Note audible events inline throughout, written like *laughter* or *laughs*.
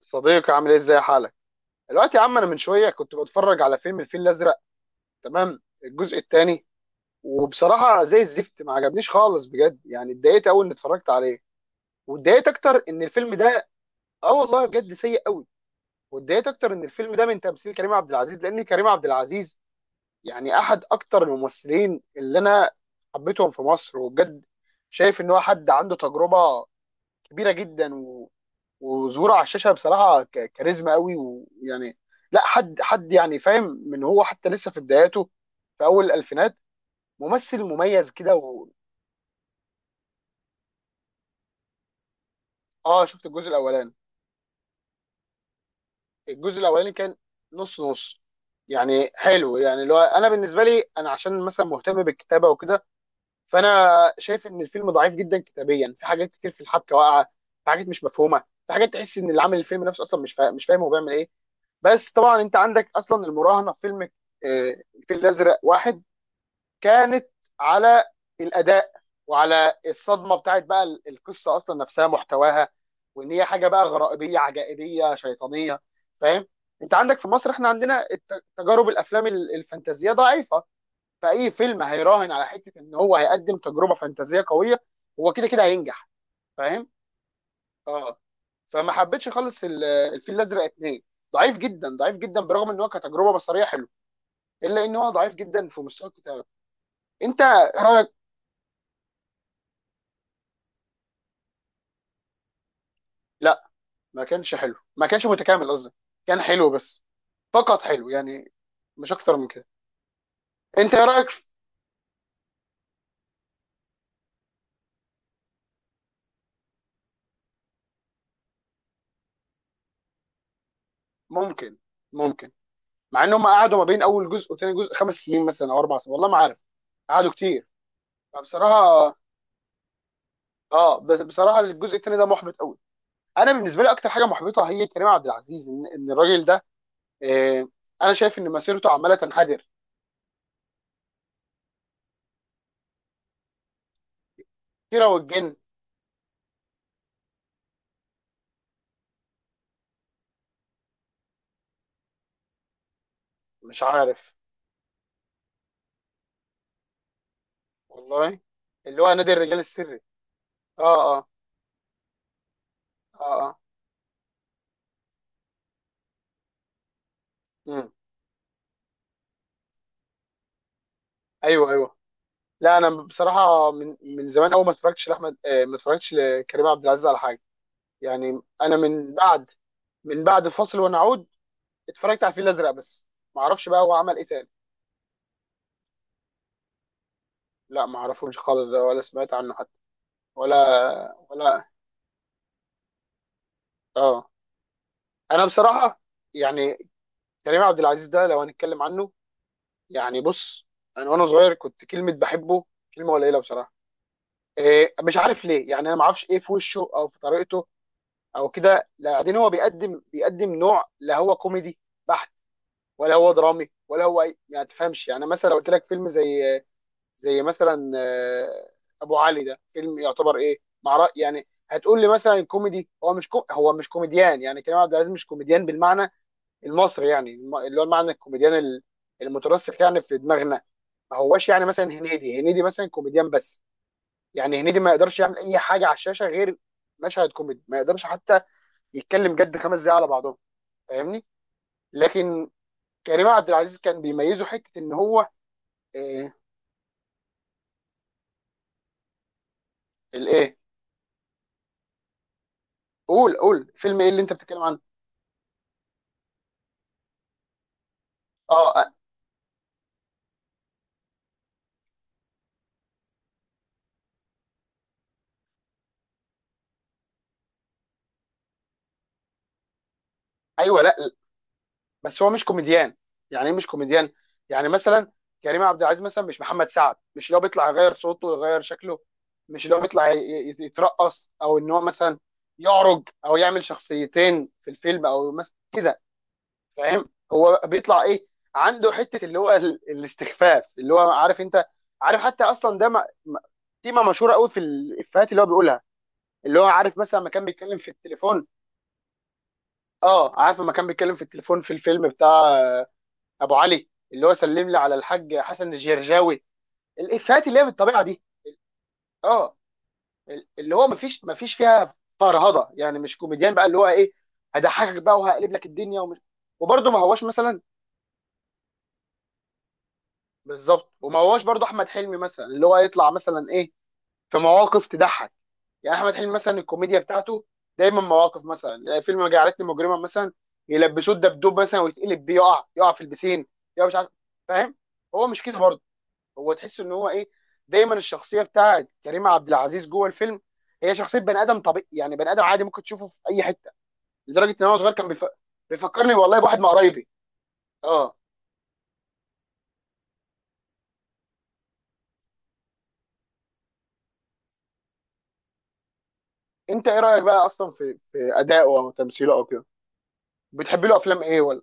صديقي، عامل ايه؟ ازاي حالك دلوقتي يا عم؟ انا من شويه كنت بتفرج على فيلم الفيل الازرق تمام، الجزء الثاني. وبصراحه زي الزفت، ما عجبنيش خالص بجد. يعني اتضايقت اول اني اتفرجت عليه، واتضايقت اكتر ان الفيلم ده اه والله بجد سيء قوي. واتضايقت اكتر ان الفيلم ده من تمثيل كريم عبد العزيز، لان كريم عبد العزيز يعني احد اكتر الممثلين اللي انا حبيتهم في مصر. وبجد شايف ان هو حد عنده تجربه كبيره جدا، وظهوره على الشاشه بصراحه كاريزما قوي. ويعني لا حد يعني فاهم من هو حتى لسه في بداياته، في اول الالفينات، ممثل مميز كده اه شفت الجزء الاولاني. الجزء الاولاني كان نص نص، يعني حلو. يعني لو انا بالنسبه لي، انا عشان مثلا مهتم بالكتابه وكده، فانا شايف ان الفيلم ضعيف جدا كتابيا، في حاجات كتير في الحبكه واقعه، في حاجات مش مفهومه، في حاجات تحس ان اللي عامل الفيلم نفسه اصلا مش فاهم، هو بيعمل ايه. بس طبعا انت عندك اصلا المراهنه في فيلم الفيل الازرق واحد كانت على الاداء وعلى الصدمه بتاعت بقى القصه اصلا نفسها محتواها، وان هي حاجه بقى غرائبيه عجائبيه شيطانيه. فاهم؟ انت عندك في مصر، احنا عندنا تجارب الافلام الفانتازيه ضعيفه. فاي فيلم هيراهن على حته ان هو هيقدم تجربه فانتازيه قويه، هو كده كده هينجح. فاهم؟ اه. فما حبيتش خالص الفيل الازرق اتنين. ضعيف جدا، برغم ان هو كتجربه بصريه حلوه، الا ان هو ضعيف جدا في مستوى الكتابه. انت رايك؟ لا، ما كانش حلو، ما كانش متكامل قصدي. كان حلو بس، فقط حلو يعني، مش اكتر من كده. انت ايه رايك ممكن، ممكن. مع انهم قعدوا ما بين اول جزء وثاني جزء خمس سنين مثلا او اربع سنين، والله ما عارف. قعدوا كتير. فبصراحه اه، بس بصراحه الجزء الثاني ده محبط قوي. انا بالنسبه لي اكتر حاجه محبطه هي كريم عبد العزيز. إن الراجل ده آه، انا شايف ان مسيرته عماله تنحدر. كيرة والجن؟ مش عارف والله. اللي هو نادي الرجال السري؟ اه. اه. اه. اه. مم. ايوه، ايوه. لا انا بصراحه من زمان قوي ما اتفرجتش لاحمد آه، ما اتفرجتش لكريم عبد العزيز على حاجه. يعني انا من بعد، فاصل ونعود اتفرجت على الفيل الازرق بس. ما اعرفش بقى هو عمل ايه تاني. لا ما اعرفوش خالص، ده ولا سمعت عنه حتى، ولا ولا. اه. انا بصراحه يعني كريم عبد العزيز ده لو هنتكلم عنه، يعني بص، انا وانا صغير كنت كلمه بحبه، كلمه قليله بصراحه. إيه؟ مش عارف ليه، يعني انا ما اعرفش ايه في وشه او في طريقته او كده. بعدين هو بيقدم نوع، لا هو كوميدي بحت ولا هو درامي ولا هو اي. يعني تفهمش. يعني مثلا لو قلت لك فيلم زي مثلا ابو علي، ده فيلم يعتبر ايه مع رأي؟ يعني هتقول لي مثلا كوميدي. هو مش كو هو مش كوميديان. يعني كريم عبد العزيز مش كوميديان بالمعنى المصري، يعني اللي هو المعنى الكوميديان المترسخ يعني في دماغنا. ما هوش يعني مثلا هنيدي. هنيدي مثلا كوميديان بس، يعني هنيدي ما يقدرش يعمل اي حاجه على الشاشه غير مشهد كوميدي، ما يقدرش حتى يتكلم جد خمس دقايق على بعضهم. فاهمني؟ لكن كريم عبد العزيز كان بيميزه حته ان هو آه، الايه. قول، فيلم ايه اللي انت بتتكلم عنه؟ اه آه، ايوه. لا، بس هو مش كوميديان. يعني ايه مش كوميديان؟ يعني مثلا كريم عبد العزيز مثلا مش محمد سعد، مش اللي هو بيطلع يغير صوته ويغير شكله، مش اللي هو بيطلع يترقص، او ان هو مثلا يعرج، او يعمل شخصيتين في الفيلم او مثلا كده. فاهم هو بيطلع ايه؟ عنده حته اللي هو الاستخفاف. اللي هو عارف انت، عارف حتى اصلا ده م- تيمه مشهوره قوي في الافيهات اللي هو بيقولها. اللي هو عارف مثلا لما كان بيتكلم في التليفون. اه عارف لما كان بيتكلم في التليفون في الفيلم بتاع ابو علي، اللي هو سلم لي على الحاج حسن الجرجاوي. الافيهات اللي هي بالطبيعه دي اه. اللي هو مفيش فيها فرهضه. يعني مش كوميديان بقى اللي هو ايه، هضحكك بقى وهقلب لك الدنيا ومش. وبرضه ما هوش مثلا بالظبط، وما هواش برضه احمد حلمي مثلا اللي هو يطلع مثلا ايه في مواقف تضحك. يعني احمد حلمي مثلا الكوميديا بتاعته دايما مواقف، مثلا يعني فيلم جعلتني مجرما مثلا، يلبسوه الدبدوب مثلا ويتقلب بيه، يقع، في البسين، يقع، مش عارف. فاهم؟ هو مش كده برضه. هو تحس ان هو ايه، دايما الشخصيه بتاعت كريم عبد العزيز جوه الفيلم هي شخصيه بني ادم طبيعي، يعني بني ادم عادي ممكن تشوفه في اي حته، لدرجه ان هو صغير كان بيفكرني والله بواحد من قرايبي. اه انت ايه رايك بقى اصلا في ادائه او تمثيله او كده؟ بتحب له افلام ايه ولا؟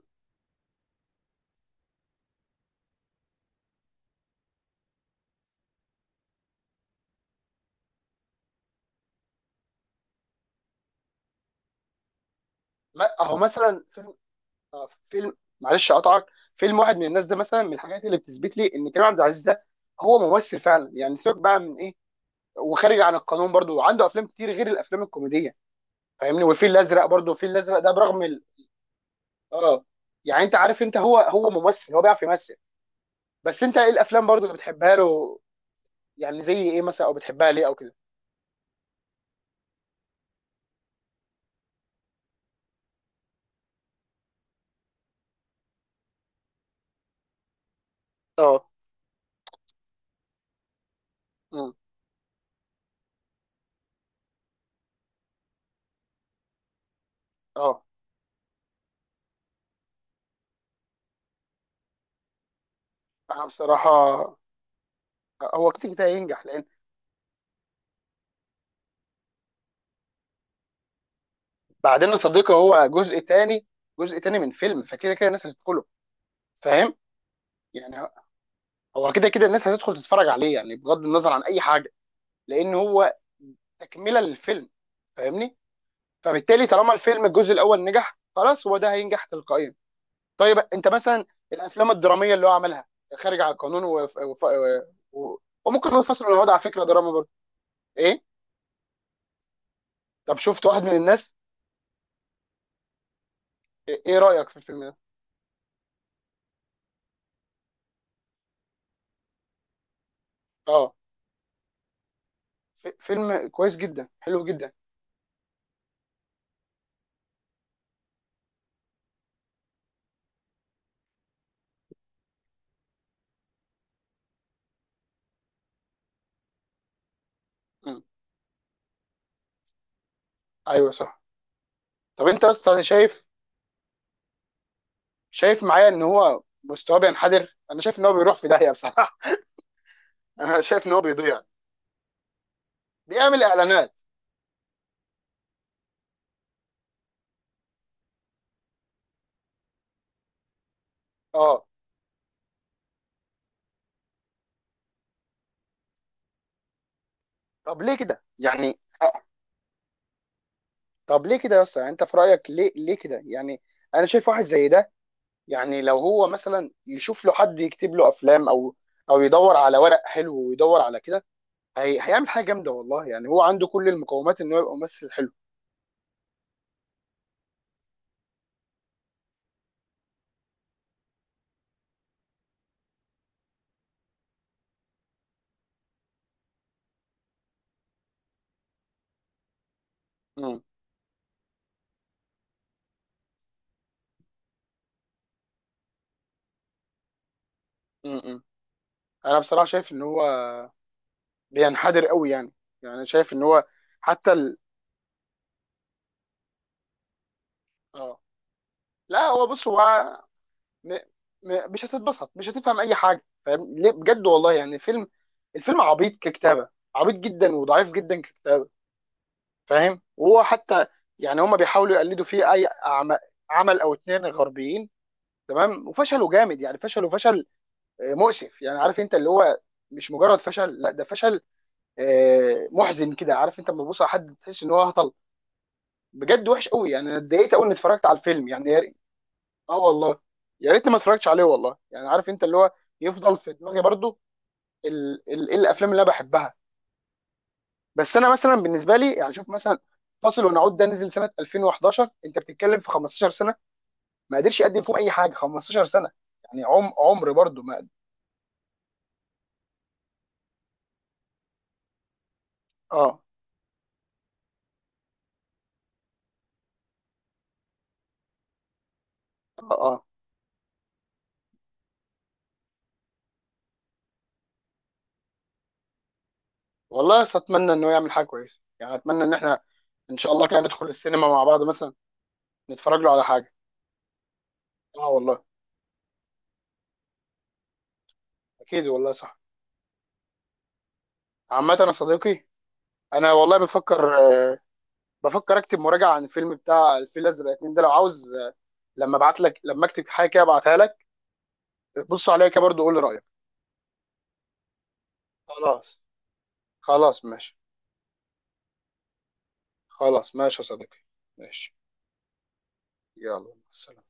ما اهو مثلا فيلم فيلم، معلش اقطعك، فيلم واحد من الناس ده مثلا من الحاجات اللي بتثبت لي ان كريم عبد العزيز ده هو ممثل فعلا. يعني سيبك بقى من ايه، وخارج عن القانون برضو، وعنده افلام كتير غير الافلام الكوميديه. فاهمني؟ والفيل الازرق برضو، الفيل الازرق ده برغم اه، يعني انت عارف، انت هو هو ممثل، هو بيعرف يمثل. بس انت ايه الافلام برضو اللي بتحبها له؟ يعني زي ايه مثلا، او بتحبها ليه او كده؟ اه. مم. اه انا بصراحه هو كده كده هينجح. بعدين يا صديقي هو جزء تاني، جزء تاني من فيلم، فكده كده الناس هتدخله. فاهم؟ يعني هو كده كده الناس هتدخل تتفرج عليه، يعني بغض النظر عن اي حاجه، لان هو تكمله للفيلم. فاهمني؟ فبالتالي طالما الفيلم الجزء الاول نجح، خلاص هو ده هينجح تلقائيا. طيب انت مثلا الافلام الدراميه اللي هو عملها، خارج عن القانون و... وممكن ينفصل من الوضع، على فكره دراما برضه. ايه؟ طب شفت واحد من الناس؟ ايه رايك في الفيلم ده؟ اه، فيلم كويس جدا، حلو جدا. مم. ايوه صح. طب انت اصلا انا شايف، شايف معايا ان هو مستواه بينحدر، انا شايف ان هو بيروح في داهيه بصراحه. *laughs* انا شايف ان هو بيضيع. بيعمل اعلانات. اه طب ليه كده يعني؟ طب ليه كده يا اسطى يعني؟ انت في رايك ليه، ليه كده يعني؟ انا شايف واحد زي ده، يعني لو هو مثلا يشوف له حد يكتب له افلام، او او يدور على ورق حلو ويدور على كده، هيعمل حاجه جامده والله. يعني هو عنده كل المقومات ان هو يبقى ممثل حلو. امم، امم. انا بصراحه شايف ان هو بينحدر قوي. يعني، يعني أنا شايف ان هو حتى اه، لا هو بص، هو م... مش هتتبسط، مش هتفهم اي حاجه. فاهم ليه؟ بجد والله، يعني فيلم، الفيلم عبيط ككتابه، عبيط جدا وضعيف جدا ككتابه. فاهم؟ وهو حتى يعني هما بيحاولوا يقلدوا فيه اي عمل او اتنين غربيين تمام، وفشلوا جامد. يعني فشلوا فشل مؤسف يعني، عارف انت اللي هو مش مجرد فشل، لا ده فشل محزن كده، عارف انت لما تبص على حد تحس ان هو هطل. بجد وحش قوي. يعني انا اتضايقت قوي اني اتفرجت على الفيلم يعني. اه والله. يا ريتني ما اتفرجتش عليه والله. يعني عارف انت اللي هو يفضل في دماغي برضو. ايه الافلام اللي انا بحبها؟ بس انا مثلا بالنسبه لي يعني شوف مثلا فاصل ونعود ده نزل سنه 2011، انت بتتكلم في 15 سنه. ما قدرش يقدم فيهم اي حاجه 15 سنه. يعني عمر برضو ما قد- اه. اه. اه والله، بس اتمنى انه يعمل حاجه كويسه. يعني اتمنى ان احنا ان شاء الله كده ندخل السينما مع بعض مثلا، نتفرج له على حاجه. اه والله. اكيد والله صح. عامه يا صديقي، انا والله بفكر بفكر اكتب مراجعه عن الفيلم بتاع الفيل الازرق اتنين ده. لو عاوز، لما ابعت لك، لما اكتب حاجه كده ابعتها لك، بص عليها كده برضه، قول لي رايك. خلاص. خلاص ماشي. خلاص ماشي يا صديقي. ماشي. يلا، سلام.